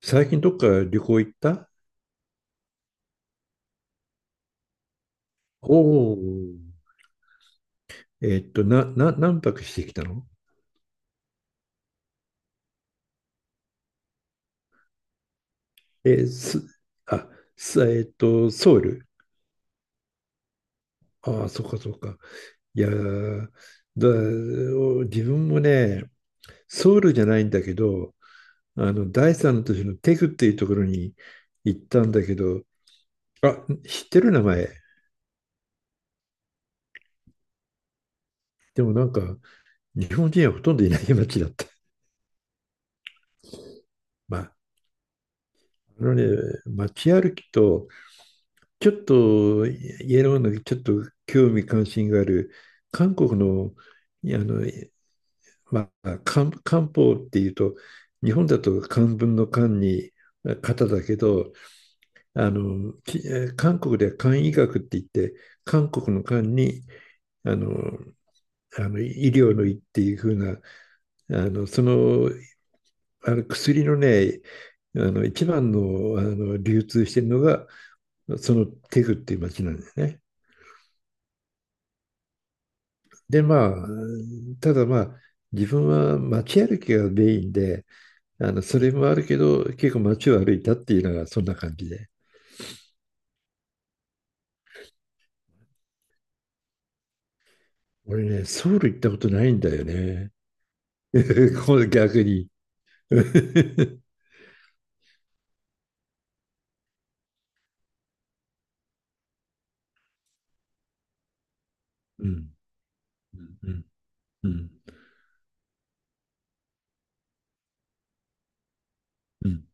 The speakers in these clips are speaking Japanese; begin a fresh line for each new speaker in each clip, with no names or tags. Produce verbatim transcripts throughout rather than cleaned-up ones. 最近どっか旅行行った？おおー。えっと、な、な、何泊してきたの？えす、あ、す、えっと、ソウル。ああ、そっかそっか。いやー、だ、お自分もね、ソウルじゃないんだけど、あの、だいさんの都市のテグっていうところに行ったんだけど、あ、知ってる名前。でもなんか、日本人はほとんどいない街だった。まあ、あのね、街歩きと、ちょっとイエローのちょっと興味関心がある韓国の、あの、まあ、漢、漢方っていうと日本だと漢文の漢に方だけど、あのき韓国では漢医学って言って、韓国の漢にあのあの医療の医っていう風な、あのその、あの薬のね、あの一番の、あの流通してるのがそのテグっていう町なんですね。で、まあ、ただまあ、自分は街歩きがメインで、あの、それもあるけど、結構街を歩いたっていうのがそんな感じで。俺ね、ソウル行ったことないんだよね。これ逆に。うん。うんうん。うん。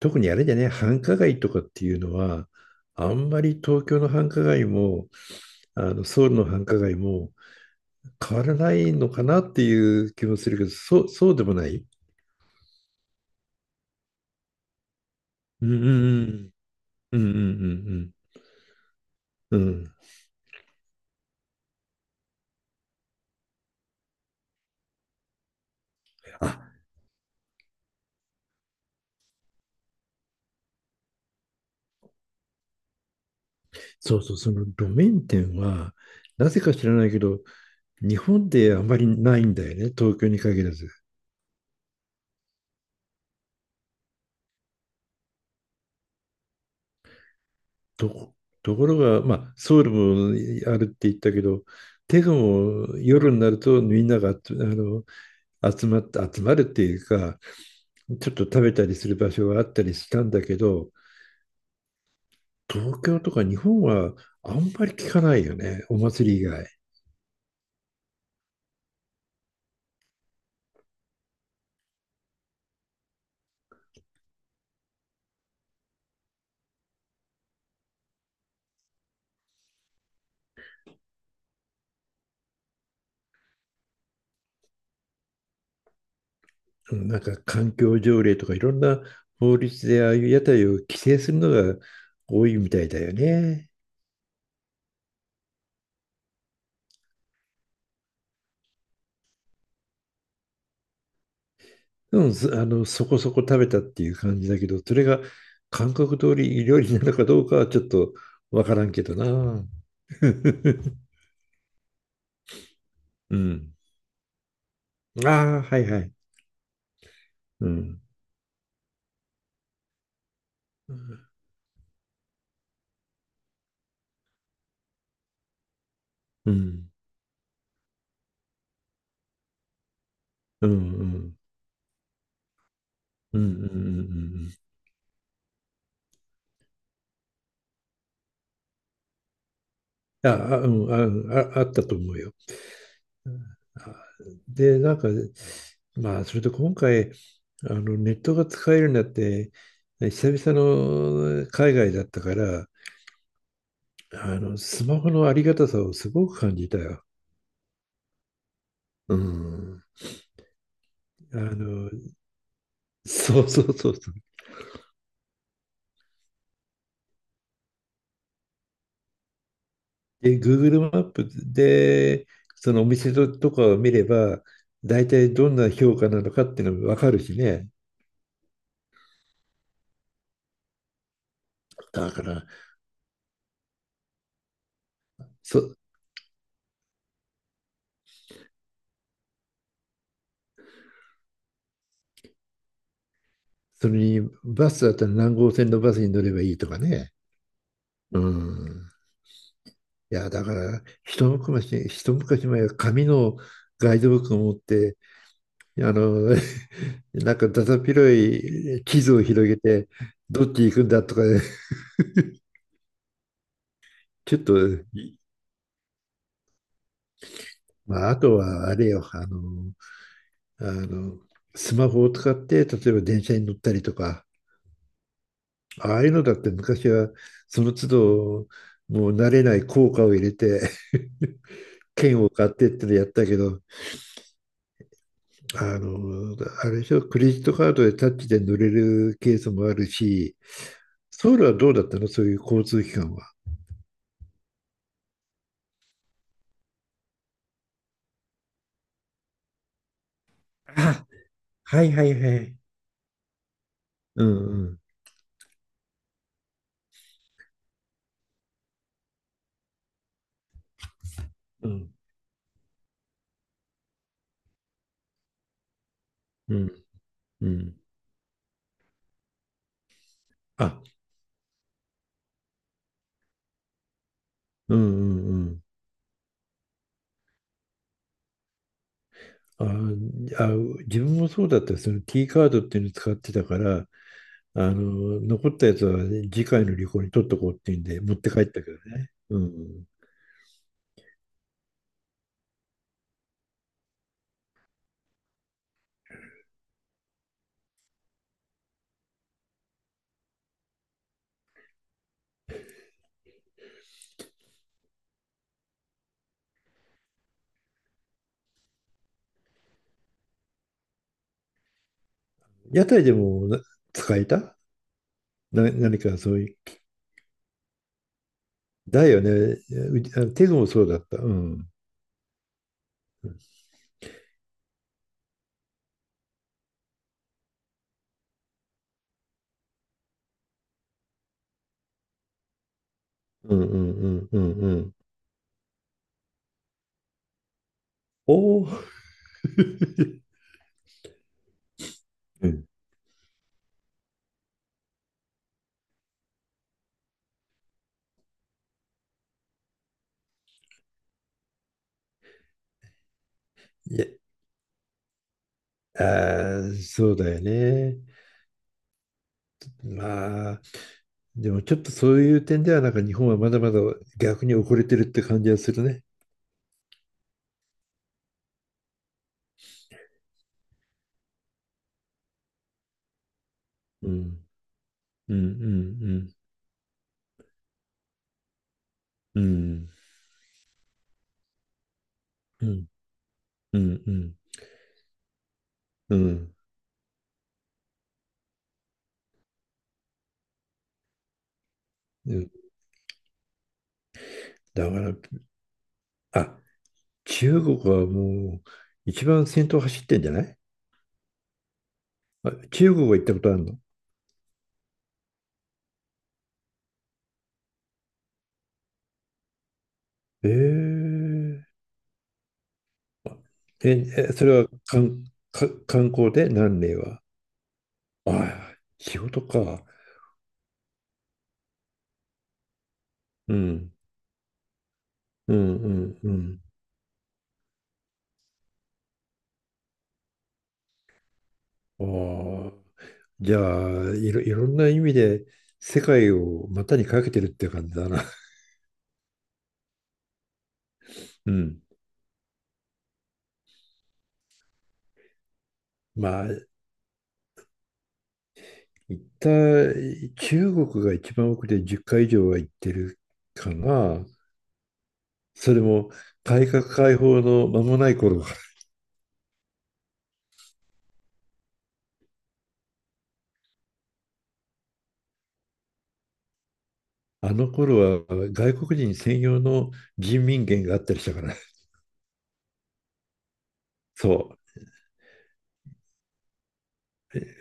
特にあれだね、繁華街とかっていうのは、あんまり東京の繁華街も、あのソウルの繁華街も変わらないのかなっていう気もするけど、そう、そうでもない。うんうんうんうんうんうん。うん。あ、そうそう、その路面店は、なぜか知らないけど、日本であまりないんだよね、東京に限らず。と、ところが、まあ、ソウルもあるって言ったけど、テグも夜になるとみんなが集あの集まって集まるっていうか、ちょっと食べたりする場所があったりしたんだけど、東京とか日本はあんまり聞かないよね、お祭り以外。なんか環境条例とかいろんな法律でああいう屋台を規制するのが多いみたいだよね。でもずあのそこそこ食べたっていう感じだけど、それが韓国通り料理なのかどうかはちょっとわからんけどな。うん。ああ、はいはい。うん。うん。うんうん。うんうんうんうん。あ、あ、うん、あ、ああったと思うよ。で、なんか、まあ、それと今回、あのネットが使えるようになって、久々の海外だったから、あのスマホのありがたさをすごく感じたよ。うん。あの、そうそうそうそう。で、Google マップで、そのお店とかを見れば、大体どんな評価なのかっていうのも分かるしね。だから、そ、それにバスだったら何号線のバスに乗ればいいとかね。うん。いや、だから、一昔、一昔前は紙のガイドブックを持って、あの、なんかだだっ広い地図を広げて、どっち行くんだとか、ちょっと、まあ、あとはあれよ、あの、あの、スマホを使って、例えば電車に乗ったりとか、ああいうのだって昔は、その都度、もう慣れない効果を入れて、券を買ってってのやったけど、あの、あれでしょ、クレジットカードでタッチで乗れるケースもあるし、ソウルはどうだったの、そういう交通機関は。あ、はいはいはい。うんうんうんうんうん。あうんうんうん。ああ自分もそうだった、その T カードっていうの使ってたから、あの残ったやつは次回の旅行に取っとこうっていうんで持って帰ったけどね、うん、屋台でもな使えた、な何かそういうだよね。うち、あのテゾもそうだった。うん。うんうんうんうんうん。おお。うん。いや、あー、そうだよね。まあ、でもちょっとそういう点では、なんか日本はまだまだ逆に遅れてるって感じはするね。うん。うんうんうんうんうんうんうんうん。だから、あ、中国はもう一番先頭走ってんじゃない？あ中国は行ったことあるの？えええ、えそれは、かんか観光で？何例は。ああ、仕事か。うん、うん、うん、うん。ああ、じゃあ、いろ、いろんな意味で世界を股にかけてるっていう感じだな。うん。まあ、行った、中国が一番奥でじゅっかい以上は行ってるかな。それも改革開放の間もない頃。あの頃は外国人専用の人民元があったりしたから。そう。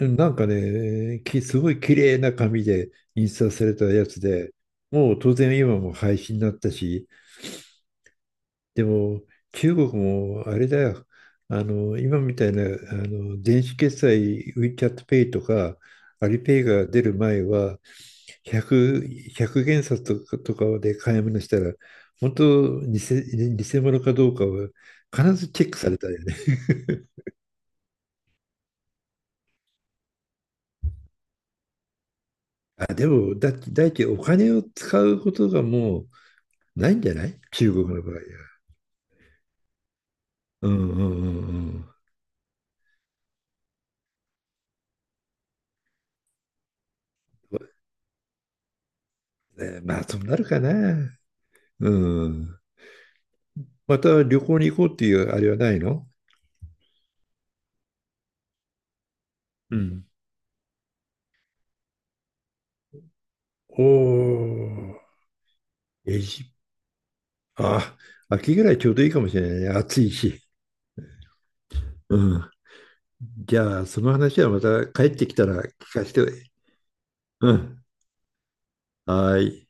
なんかね、きすごい綺麗な紙で印刷されたやつで、もう当然今も廃止になったし、でも中国もあれだよ、あの今みたいな、あの電子決済 WeChat Pay とかアリペイが出る前は、ひゃく、いちげんさつ元札とかとかで買い物したら、本当偽、偽物かどうかは必ずチェックされたよね。あ、でも、だ、だいいち、お金を使うことがもう、ないんじゃない、中国の場合は。うんうんうんうん。ね、まあ、そうなるかな。うん。また旅行に行こうっていうあれはないの？うん。おー、エジプト。あ、秋ぐらいちょうどいいかもしれないね。暑いし。うん。じゃあ、その話はまた帰ってきたら聞かせて。うん。はーい。